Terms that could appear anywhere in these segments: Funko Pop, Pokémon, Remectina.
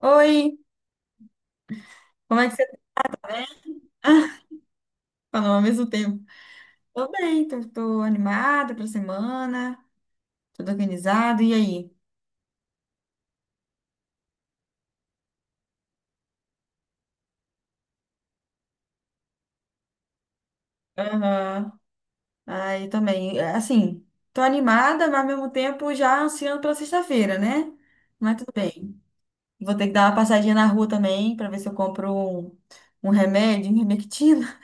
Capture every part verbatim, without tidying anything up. Oi, como é que você tá? Falou ao mesmo tempo. Tô bem, tô, tô animada pra semana, tudo organizado, e aí? Aham. Aí também, é, assim, tô animada, mas ao mesmo tempo já ansiando pela sexta-feira, né? Mas tudo bem. Vou ter que dar uma passadinha na rua também pra ver se eu compro um, um remédio, um Remectina.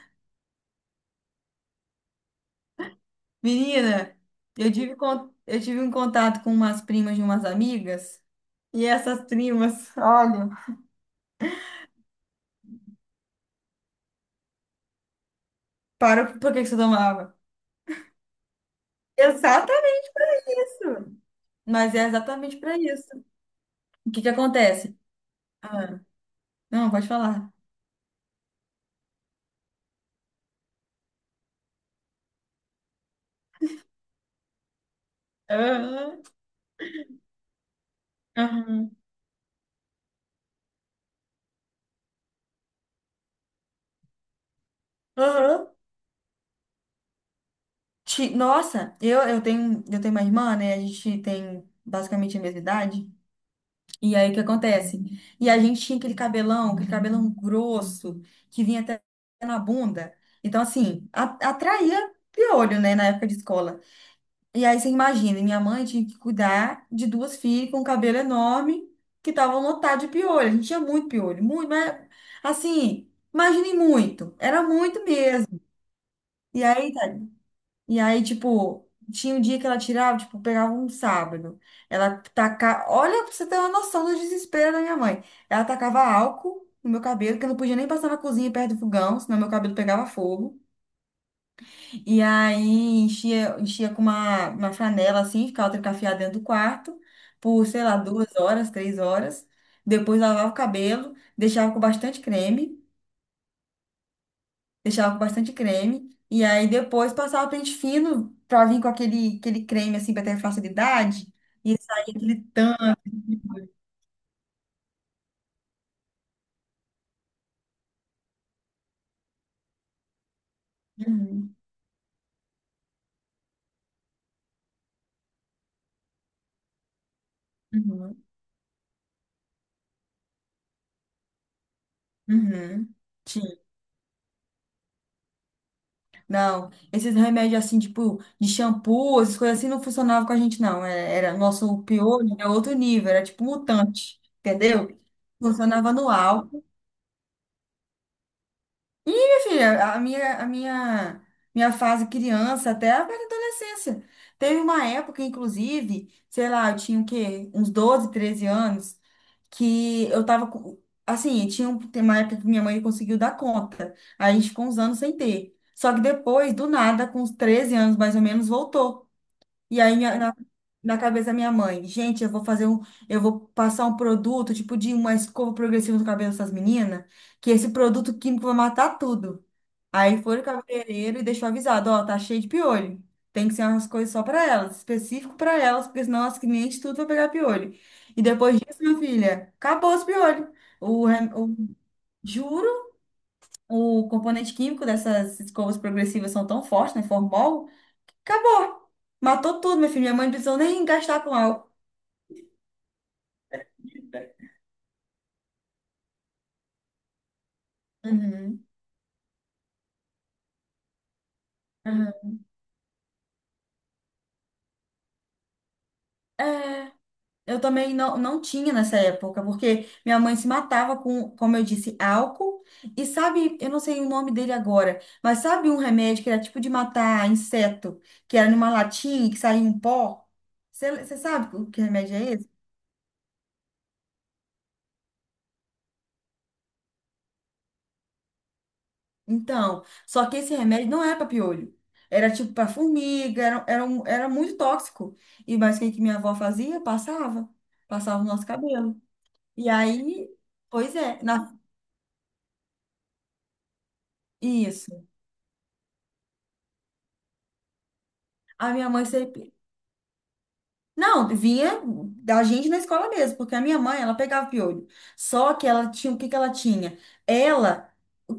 Menina, eu tive, con- eu tive um contato com umas primas de umas amigas, e essas primas, olha, parou por que que você tomava? Exatamente. Isso. Mas é exatamente para isso. O que que acontece? Ah, não, pode falar. Aham, aham, aham. Ti- Nossa, eu, eu tenho, eu tenho uma irmã, né? A gente tem basicamente a mesma idade. E aí o que acontece? E a gente tinha aquele cabelão, aquele cabelão grosso, que vinha até na bunda. Então, assim, a- atraía piolho, né? Na época de escola. E aí você imagina, minha mãe tinha que cuidar de duas filhas com um cabelo enorme que estavam lotadas de piolho. A gente tinha muito piolho, muito, mas assim, imagine muito, era muito mesmo. E aí, tá- e aí, tipo, tinha um dia que ela tirava, tipo, pegava um sábado. Ela tacava, olha, pra você ter uma noção do desespero da minha mãe. Ela tacava álcool no meu cabelo, que eu não podia nem passar na cozinha perto do fogão, senão meu cabelo pegava fogo. E aí enchia, enchia com uma, uma franela assim, ficava trancafiada dentro do quarto por, sei lá, duas horas, três horas. Depois lavava o cabelo, deixava com bastante creme, deixava com bastante creme. E aí depois passava pente fino pra vir com aquele, aquele creme assim pra ter facilidade. E saía aquele tanto. Uhum, uhum, uhum. Não, esses remédios assim, tipo, de shampoo, essas coisas assim, não funcionavam com a gente, não. É- Era, nosso piolho, era outro nível, era tipo mutante, entendeu? Funcionava no álcool. E, minha filha, a minha, a minha, minha fase criança até a fase adolescência. Teve uma época, inclusive, sei lá, eu tinha o quê? Uns doze treze anos, que eu tava com. Assim, tinha um- tem uma época que minha mãe conseguiu dar conta. Aí a gente ficou uns anos sem ter. Só que depois, do nada, com uns treze anos mais ou menos, voltou. E aí minha- na, na cabeça da minha mãe, gente, eu vou fazer um. Eu vou passar um produto, tipo de uma escova progressiva no cabelo dessas meninas, que esse produto químico vai matar tudo. Aí foi no cabeleireiro e deixou avisado, ó, tá cheio de piolho. Tem que ser umas coisas só pra elas, específico pra elas, porque senão as clientes tudo vai pegar piolho. E depois disso, minha filha, acabou os piolhos. O, rem- o- Juro, o componente químico dessas escovas progressivas são tão fortes, né? Formol, acabou. Matou tudo, minha filha. Minha mãe não precisou nem gastar com álcool. Uhum. Uhum. É. Eu também não, não tinha nessa época, porque minha mãe se matava com, como eu disse, álcool. E sabe, eu não sei o nome dele agora, mas sabe um remédio que era tipo de matar inseto, que era numa latinha e que saía um pó? Você sabe o que remédio é esse? Então, só que esse remédio não é para piolho. Era tipo para formiga, era, era, um- era muito tóxico. E mas o que que minha avó fazia? Passava. Passava no nosso cabelo. E aí, pois é, na- isso. A minha mãe sempre. Não, vinha da gente na escola mesmo, porque a minha mãe, ela pegava piolho. Só que ela tinha, o que que ela tinha? Ela,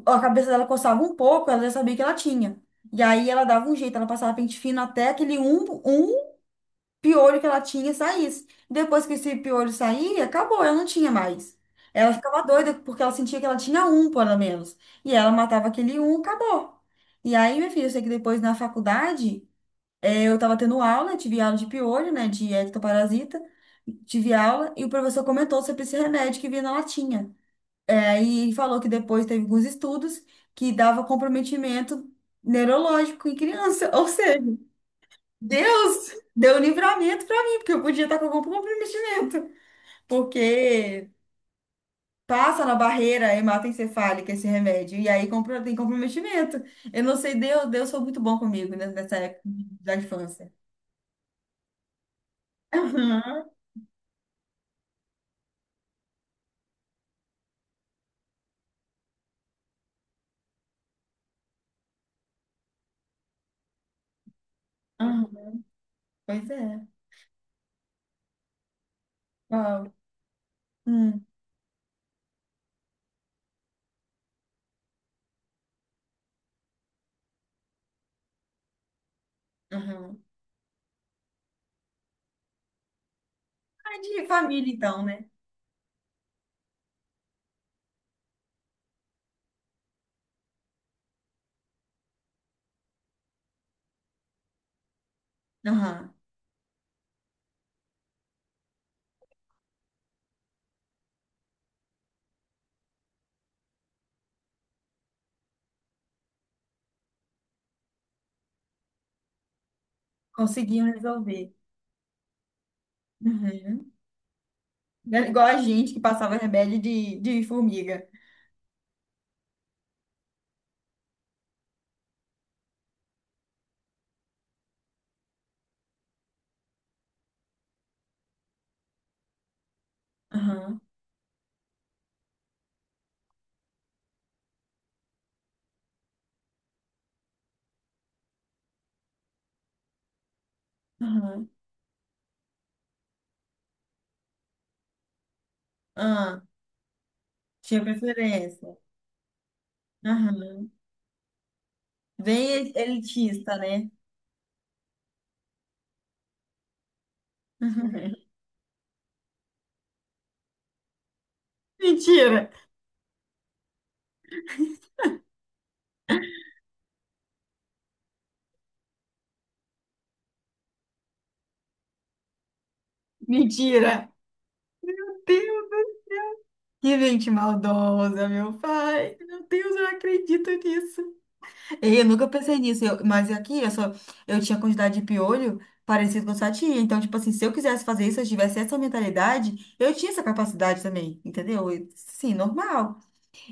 a cabeça dela coçava um pouco, ela já sabia que ela tinha. E aí ela dava um jeito, ela passava pente fino até aquele um, um piolho que ela tinha saísse. Depois que esse piolho saía, acabou, ela não tinha mais. Ela ficava doida porque ela sentia que ela tinha um, pelo menos. E ela matava aquele um, acabou. E aí, minha filha, eu sei que depois na faculdade. É, eu estava tendo aula, tive aula de piolho, né, de ectoparasita, tive aula e o professor comentou sobre esse remédio que vinha na latinha. É, e falou que depois teve alguns estudos que dava comprometimento neurológico em criança. Ou seja, Deus deu livramento para mim, porque eu podia estar com algum comprometimento. Porque passa na barreira hematoencefálica esse remédio e aí compro- tem comprometimento. Eu não sei, Deus, Deus foi muito bom comigo, né, nessa época da infância. Aham, aham. Pois é. Uau. Hum. Aham. Ah, de família, então, né? Aham. Conseguiam resolver. Uhum. Né, igual a gente que passava rebelde de, de formiga. Aham. Aham. Ah, tinha preferência. Aham. Bem el- elitista, né? Uhum. Mentira! Mentira! Meu Deus, que gente maldosa, meu pai. Meu Deus, eu não acredito nisso. É, eu nunca pensei nisso, eu- mas aqui eu só eu tinha quantidade de piolho parecido com a sua tia. Então, tipo assim, se eu quisesse fazer isso, se eu tivesse essa mentalidade, eu tinha essa capacidade também, entendeu? E, sim, normal.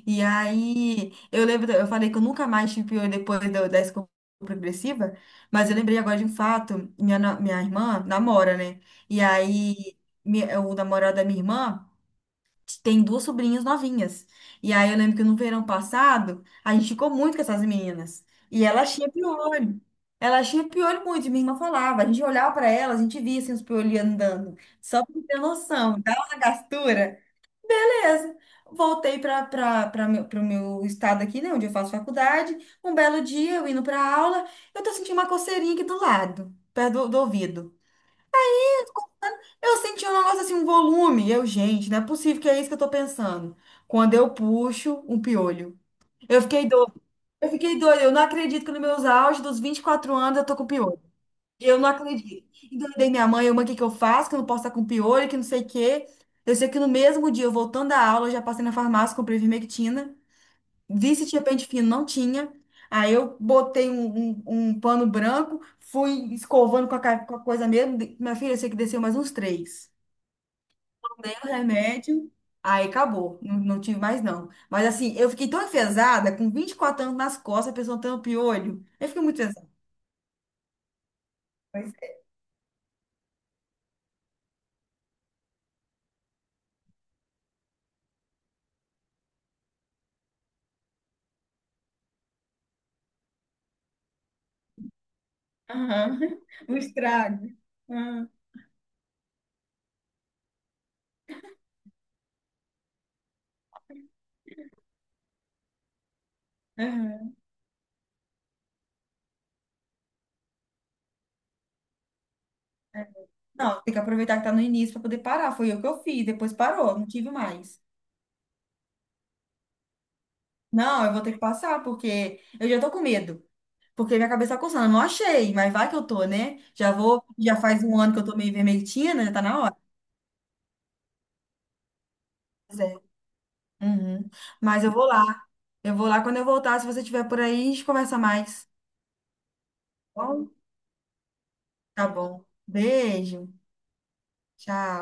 E aí, eu lembro, eu falei que eu nunca mais tive piolho depois do- da escova progressiva, mas eu lembrei agora de um fato, minha, na- minha irmã namora, né? E aí, mi- o namorado da minha irmã tem duas sobrinhas novinhas. E aí eu lembro que no verão passado, a gente ficou muito com essas meninas. E elas tinham piolho. Elas tinham piolho muito, e minha irmã falava. A gente olhava para elas, a gente via assim, os piolhos andando. Só pra ter noção, dá uma gastura. Beleza. Voltei para o meu estado aqui, né, onde eu faço faculdade. Um belo dia, eu indo para aula, eu tô sentindo uma coceirinha aqui do lado, perto do, do ouvido. Eu senti um negócio assim, um volume. Eu, gente, não é possível que é isso que eu tô pensando. Quando eu puxo um piolho. Eu fiquei doida. Eu fiquei doida. Eu não acredito que nos meus auges dos vinte e quatro anos eu tô com piolho. Eu não acredito. Endoidei minha mãe, uma, o que que eu faço? Que eu não posso estar com piolho, que não sei o quê. Eu sei que no mesmo dia, eu voltando da aula, eu já passei na farmácia, comprei vermectina. Vi se tinha pente fino, não tinha. Aí eu botei um, um, um pano branco, fui escovando com a, ca- com a coisa mesmo. De- Minha filha, eu sei que desceu mais uns três remédio, aí acabou, não, não tive mais não. Mas assim, eu fiquei tão enfesada, com vinte e quatro anos nas costas, a pessoa tampa o olho. Eu fiquei muito enfesada. Mas, aham. O estrago. Ah, aham. Não, tem que aproveitar que tá no início para poder parar. Foi o que eu fiz, depois parou, não tive mais. Não, eu vou ter que passar, porque eu já tô com medo. Porque minha cabeça tá coçando. Eu não achei, mas vai que eu tô, né? Já vou, já faz um ano que eu tô meio vermelhinha, né? Tá na hora. Uhum. Mas eu vou lá. Eu vou lá quando eu voltar. Se você estiver por aí, a gente conversa mais. Tá bom, tá bom. Beijo. Tchau.